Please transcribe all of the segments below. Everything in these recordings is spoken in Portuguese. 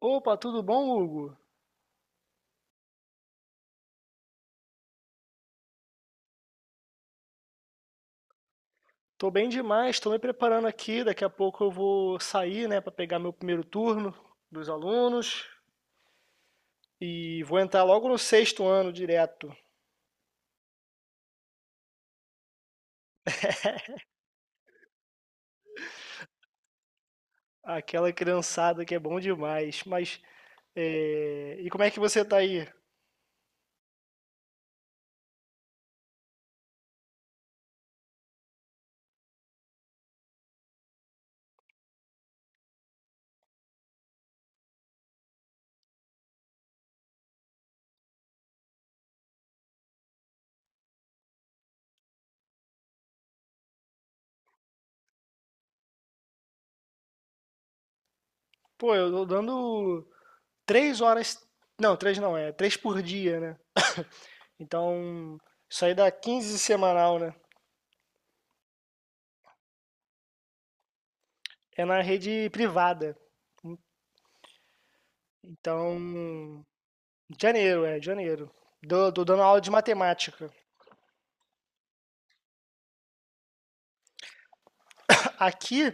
Opa, tudo bom, Hugo? Tô bem demais, tô me preparando aqui. Daqui a pouco eu vou sair, né, para pegar meu primeiro turno dos alunos e vou entrar logo no sexto ano direto. Aquela criançada que é bom demais. Mas, e como é que você tá aí? Pô, eu tô dando três horas. Não, três não, é três por dia, né? Então, isso aí dá 15 semanal, né? É na rede privada. Então, Janeiro, janeiro. Tô dando aula de matemática. Aqui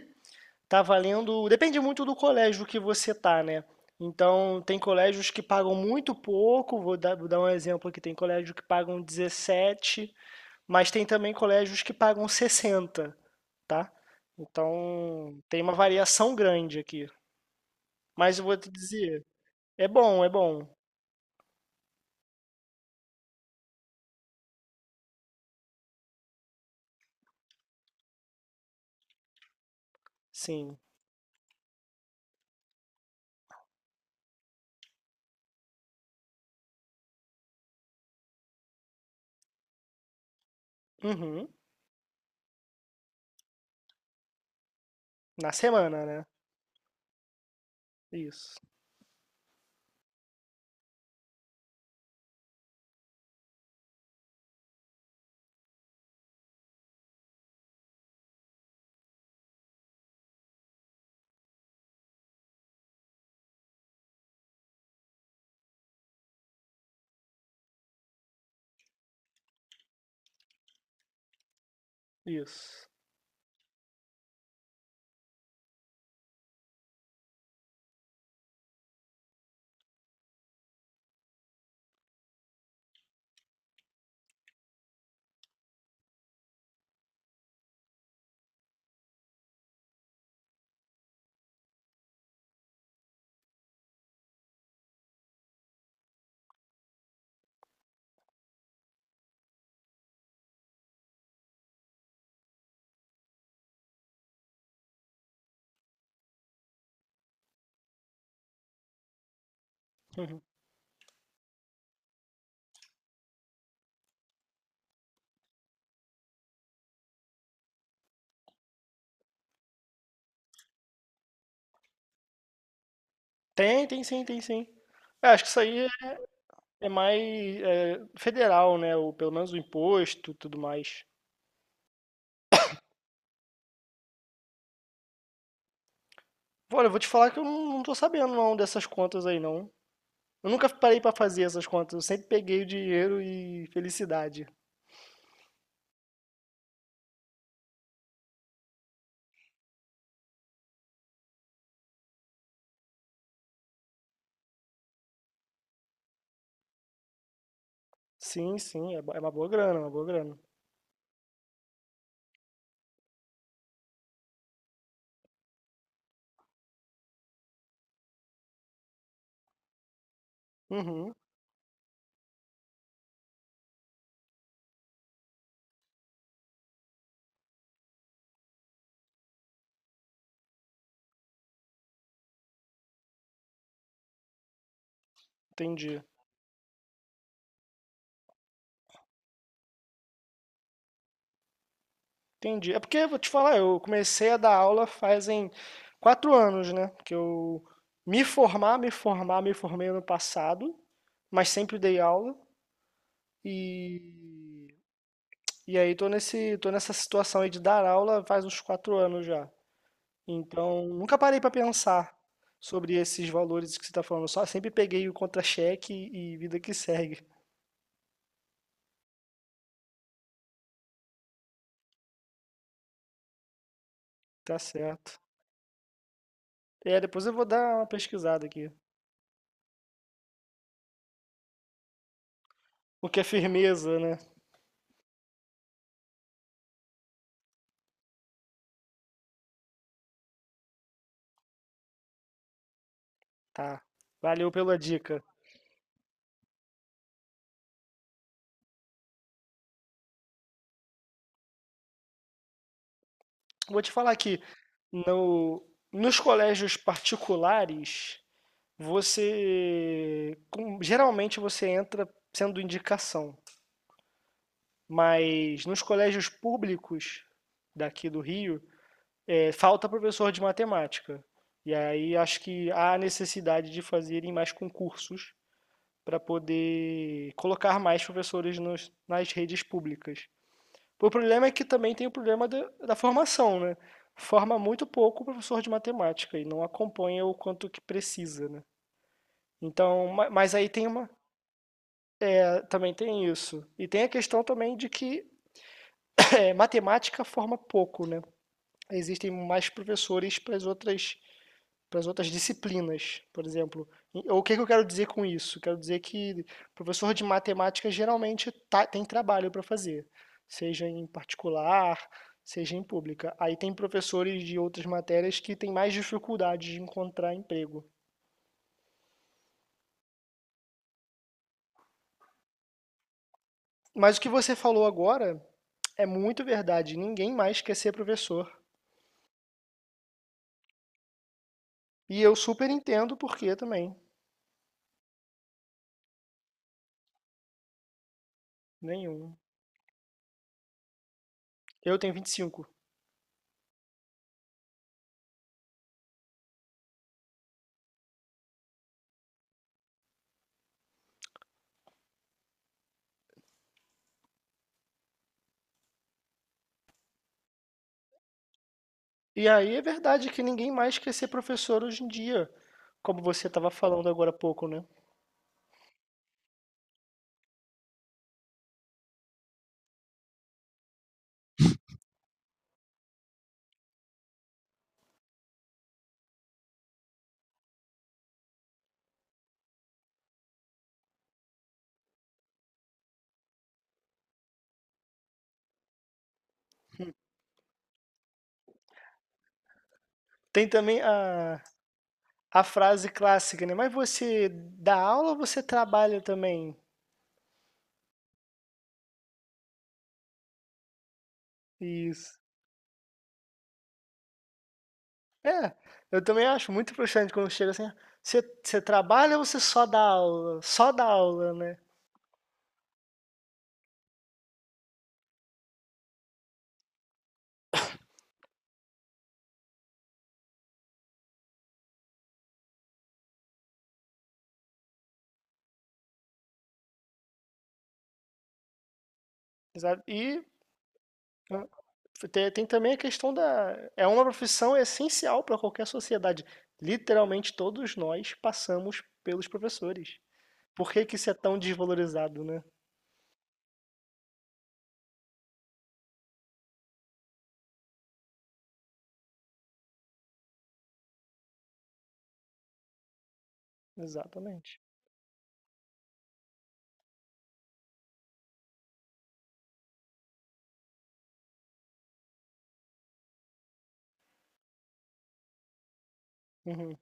tá valendo. Depende muito do colégio que você tá, né? Então, tem colégios que pagam muito pouco. Vou dar um exemplo aqui: tem colégio que pagam 17, mas tem também colégios que pagam 60, tá? Então, tem uma variação grande aqui. Mas eu vou te dizer: é bom. Sim. Uhum. Na semana, né? Isso, isso. Tem sim. É, acho que isso aí é mais federal, né? Ou pelo menos o imposto, tudo mais. Olha, eu vou te falar que eu não, não tô sabendo não dessas contas aí, não. Eu nunca parei pra fazer essas contas. Eu sempre peguei o dinheiro e felicidade. Sim, sim, é uma é uma boa grana. Uhum, entendi. Entendi. É porque, vou te falar, eu comecei a dar aula fazem quatro anos, né? Que eu me formei ano passado, mas sempre dei aula. E E aí tô nessa situação aí de dar aula faz uns quatro anos já. Então, nunca parei para pensar sobre esses valores que você está falando. Só sempre peguei o contra-cheque e vida que segue. Tá certo. É, depois eu vou dar uma pesquisada aqui. O que é firmeza, né? Tá. Valeu pela dica. Vou te falar aqui, no, nos colégios particulares, geralmente você entra sendo indicação. Mas nos colégios públicos daqui do Rio, falta professor de matemática. E aí acho que há a necessidade de fazerem mais concursos para poder colocar mais professores nas redes públicas. O problema é que também tem o problema da formação, né? Forma muito pouco o professor de matemática e não acompanha o quanto que precisa, né? Então, mas aí tem uma, é, também tem isso. E tem a questão também de que matemática forma pouco, né? Existem mais professores para as outras disciplinas, por exemplo. E o que que eu quero dizer com isso? Quero dizer que professor de matemática geralmente tem trabalho para fazer, seja em particular, seja em pública. Aí tem professores de outras matérias que têm mais dificuldade de encontrar emprego. Mas o que você falou agora é muito verdade. Ninguém mais quer ser professor. E eu super entendo por que também. Nenhum. Eu tenho vinte e cinco. E aí é verdade que ninguém mais quer ser professor hoje em dia, como você estava falando agora há pouco, né? Tem também a frase clássica, né? Mas você dá aula ou você trabalha também? Isso. É, eu também acho muito frustrante quando chega assim, "Ah, você trabalha ou você só dá aula? Só dá aula, né?" Sabe? E ah, tem também a questão da... É uma profissão essencial para qualquer sociedade. Literalmente todos nós passamos pelos professores. Por que que isso é tão desvalorizado, né? Exatamente. Uhum.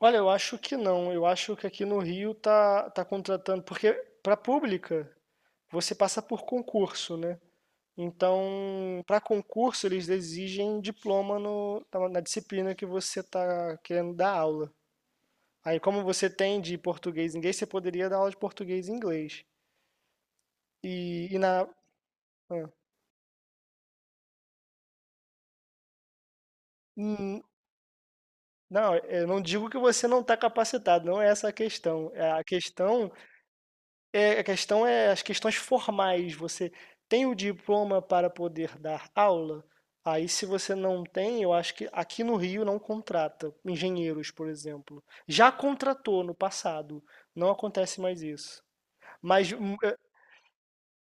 Olha, eu acho que não. Eu acho que aqui no Rio tá contratando porque para pública, você passa por concurso, né. Então, para concurso, eles exigem diploma no na disciplina que você tá querendo dar aula. Aí, como você tem de português e inglês, você poderia dar aula de português e inglês. E na hã. Hum, não, eu não digo que você não está capacitado, não é essa a questão. É, a questão é as questões formais. Você tem o diploma para poder dar aula? Aí, se você não tem, eu acho que aqui no Rio não contrata engenheiros, por exemplo. Já contratou no passado. Não acontece mais isso. Mas, hum, é,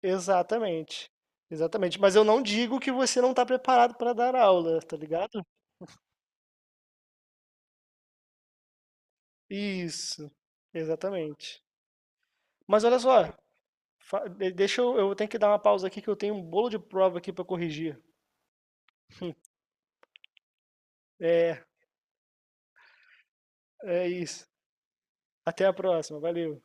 exatamente. Exatamente. Mas eu não digo que você não está preparado para dar aula, tá ligado? Isso, exatamente. Mas olha só, deixa eu tenho que dar uma pausa aqui que eu tenho um bolo de prova aqui para corrigir. É, É isso. Até a próxima. Valeu.